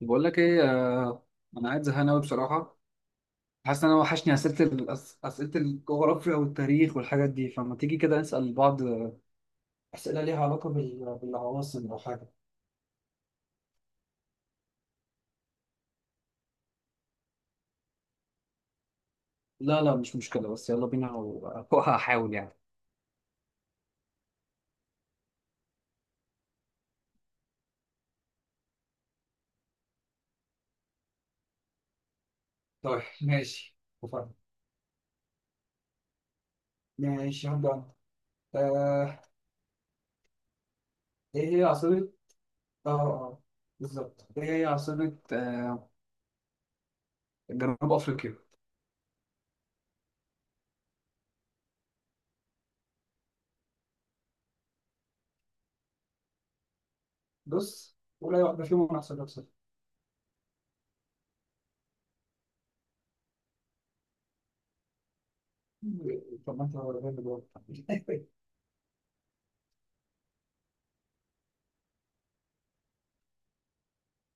بقول لك ايه. آه، انا قاعد زهقان قوي بصراحه. حاسس ان انا وحشني اسئله اسئله الجغرافيا والتاريخ والحاجات دي، فما تيجي كده نسال بعض اسئله ليها علاقه بالعواصم او حاجه. لا لا، مش مشكله، بس يلا بينا وهحاول يعني. طيب ماشي وفاهم. ماشي هبدا أنا. آه، ايه هي عاصمه؟ اه اه. بالظبط، ايه هي عاصمه جنوب افريقيا؟ بص، ولا واحده فيهم، انا هسألك سؤال. طب ما انت ولا فاهم الجواب.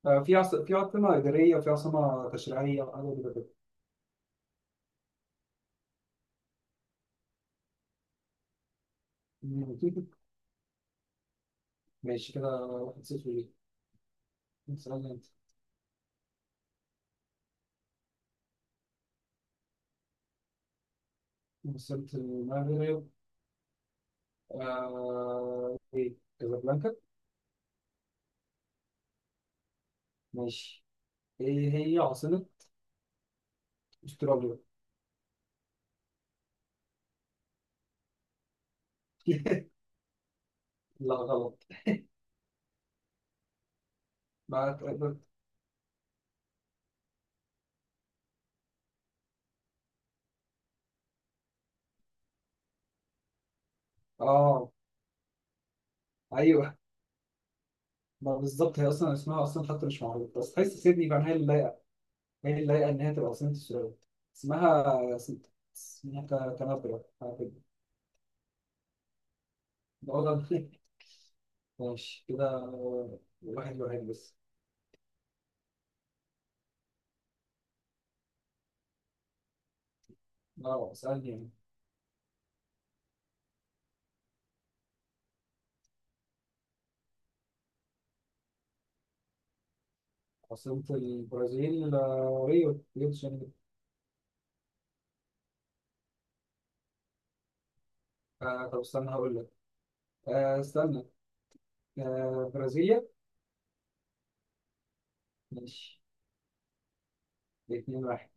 آه، في عاصمة إدارية وفي عاصمة تشريعية وحاجة كده كده. مم. ماشي كده، واحد صفر ليه. مثلا، أنت وصلت المغرب. آه، كازابلانكا. ماشي. إيه هي عاصمة أستراليا؟ لا غلط. ما تقدر. آه أيوه، ما بالظبط هي أصلا اسمها أصلا حتى مش معروف، بس تحس سيدني بقى هي اللي لايقة، هي اللي لايقة إن هي تبقى عاصمة أستراليا. اسمها، كانبرا حاجة كده. ده وضع- ماشي كده، واحد واحد بس. اه، اسألني يعني. عاصمة البرازيل، ريو دي جانيرو. طب استنى هقول لك. استنى. برازيليا. ماشي، اتنين واحد.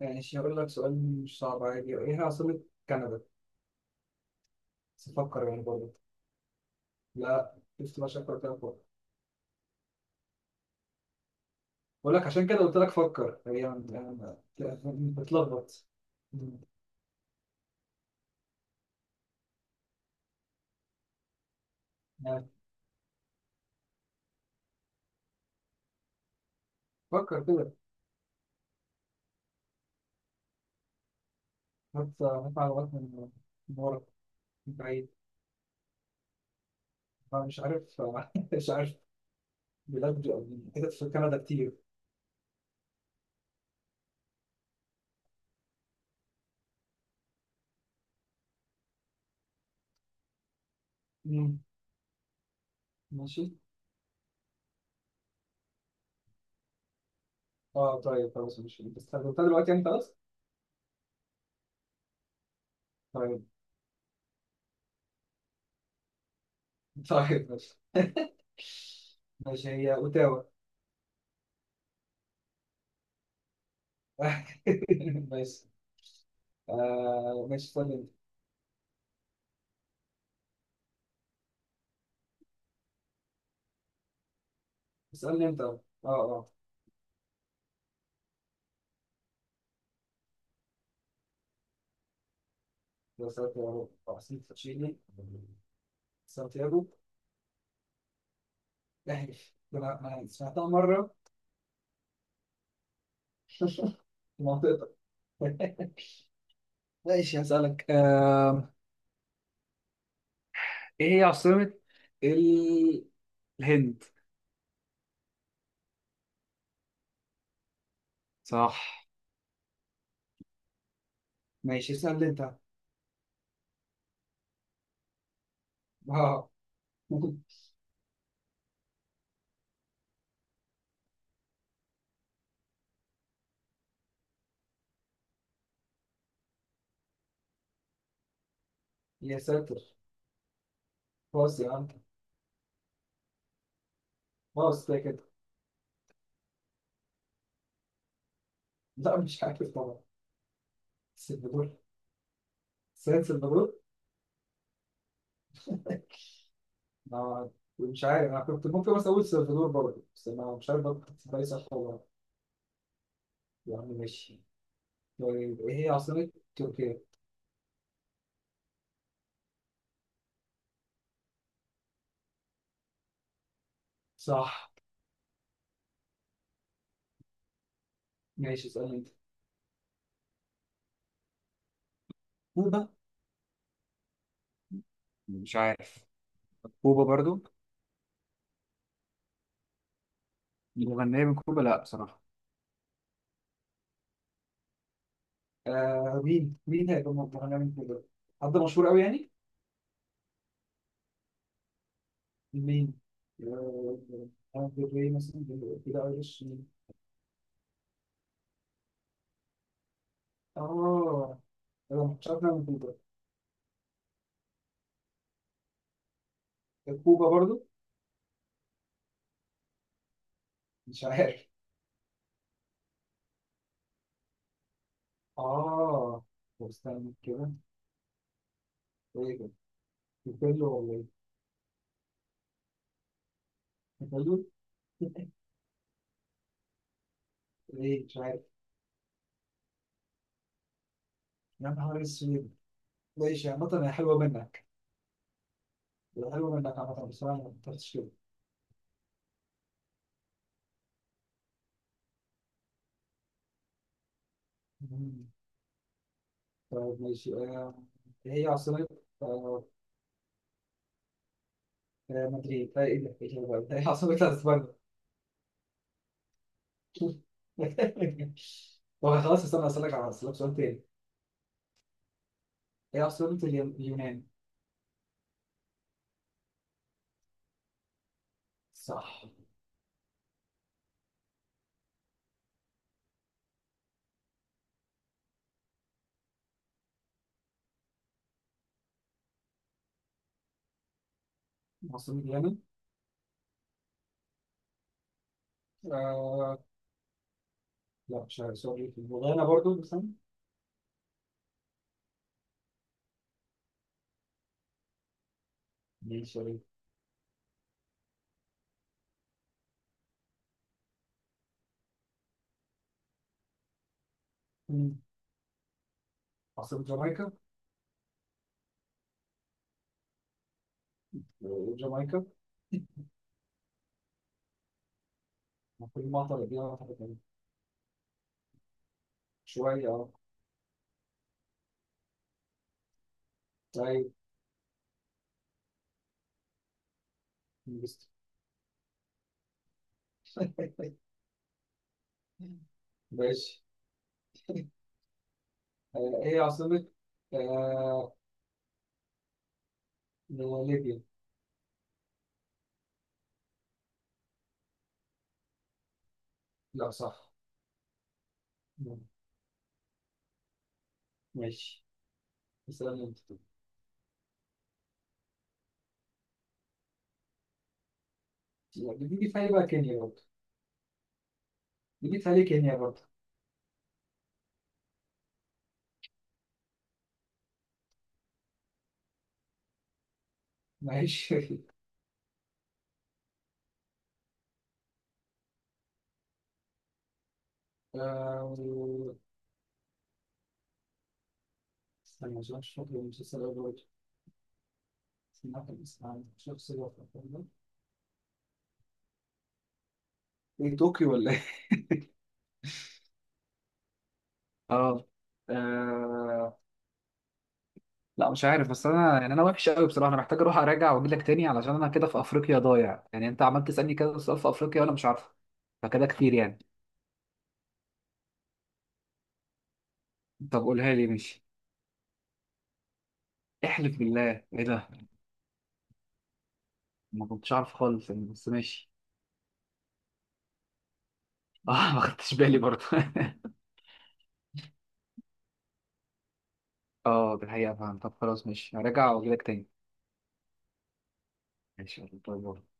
ماشي، هقول لك سؤال مش صعب عادي، ايه هي عاصمة كندا؟ بس فكر يعني برضه. لا، شفت بقى شكلك كده فوق. بقول لك عشان كده قلت لك فكر، هي يعني بتلخبط. مم. يعني فكر كده، هات هات معلومات من ورا، من بعيد. أنا مش عارف مش عارف. بيلاقوا كده في كندا كتير. مم. ماشي. اه طيب خلاص ماشي، انت استخدمتها دلوقتي يعني خلاص. طيب، طيب ماشي، ماشي هي اوتاوا. ماشي. ماشي اسألني انت، اسألني انت. اه اه، يا سانتياغو احسن، تشيلي سانتياغو. احلف، ده أنا سمعتها مرة في منطقتك. ماشي، هسألك ايه هي عاصمة ال... الهند؟ صح. ماشي، اسألني انت. اه. يا ساتر، باص يا عم، باص كده كده. لا مش عارف طبعا. سلفادور، سيد سلفادور. ما، مش عارف، انا كنت ممكن بس اقول سلفادور برضه، بس انا مش عارف برضه كنت صح ولا لا. يا عم ماشي. طيب ايه هي عاصمة تركيا؟ صح. ماشي، اسألني انت. كوبا؟ مش عارف. كوبا برضو. مغنية من كوبا؟ لا بصراحة. آه، مين هيبقى مطلع من كوبا؟ حد مشهور قوي يعني؟ مين؟ آه، دري مثلا، كده ايرش مين؟ اه. انا ما كنتش عارف إنها من كوبا. كوبا برضو؟ مش عارف. اه طب استنى كده، ايه كده، كوبيلو ولا ايه. كوبيلو. ايه، مش عارف. يا نهار اسود. ماشي، عامة هي حلوة منك. هي حلوة منك عامة، بصراحة ما فكرتش كده. مم. طيب ماشي، هي عاصمة، آه، مدريد، هي ايه ده، ايه ده بقى؟ هي عاصمة اسبانيا. طب خلاص، استنى اسألك سؤال تاني. هي عاصمة اليونان؟ صح. عاصمة اليونان، آه، لا مش عارف، سؤال الغانا برضو، بس أنا دي سؤال. مم. عاصمة جامايكا؟ جامايكا المفروض المعطى اللي فيها واحدة كمان. شوية اه. طيب بس. ماشي، ايه عاصمة آه ليبيا؟ لا صح. مم. ماشي. السلام انت. لا، دي في بقى كينيا برضه. دي في عليه كينيا برضه. ماشي. آه، و- استنى عشان مش فاكر المسلسل أوي برضه. سمعت الاسم عن شخص هو في الأفلام ده. ايه طوكيو ولا. اه آه، لا مش عارف، بس انا يعني انا وحش قوي بصراحه، انا محتاج اروح اراجع واجي لك تاني علشان انا كده في افريقيا ضايع يعني، انت عمال تسالني كده سؤال في افريقيا وانا مش عارفه فكده كتير يعني. طب قولها لي ماشي. احلف بالله، ايه ده. ما كنتش عارف خالص يعني، بس ماشي اه. ما خدتش بالي برضه. اه دي حقيقه فاهم. طب خلاص ماشي، هراجع واجي لك تاني. ماشي يلا، باي باي.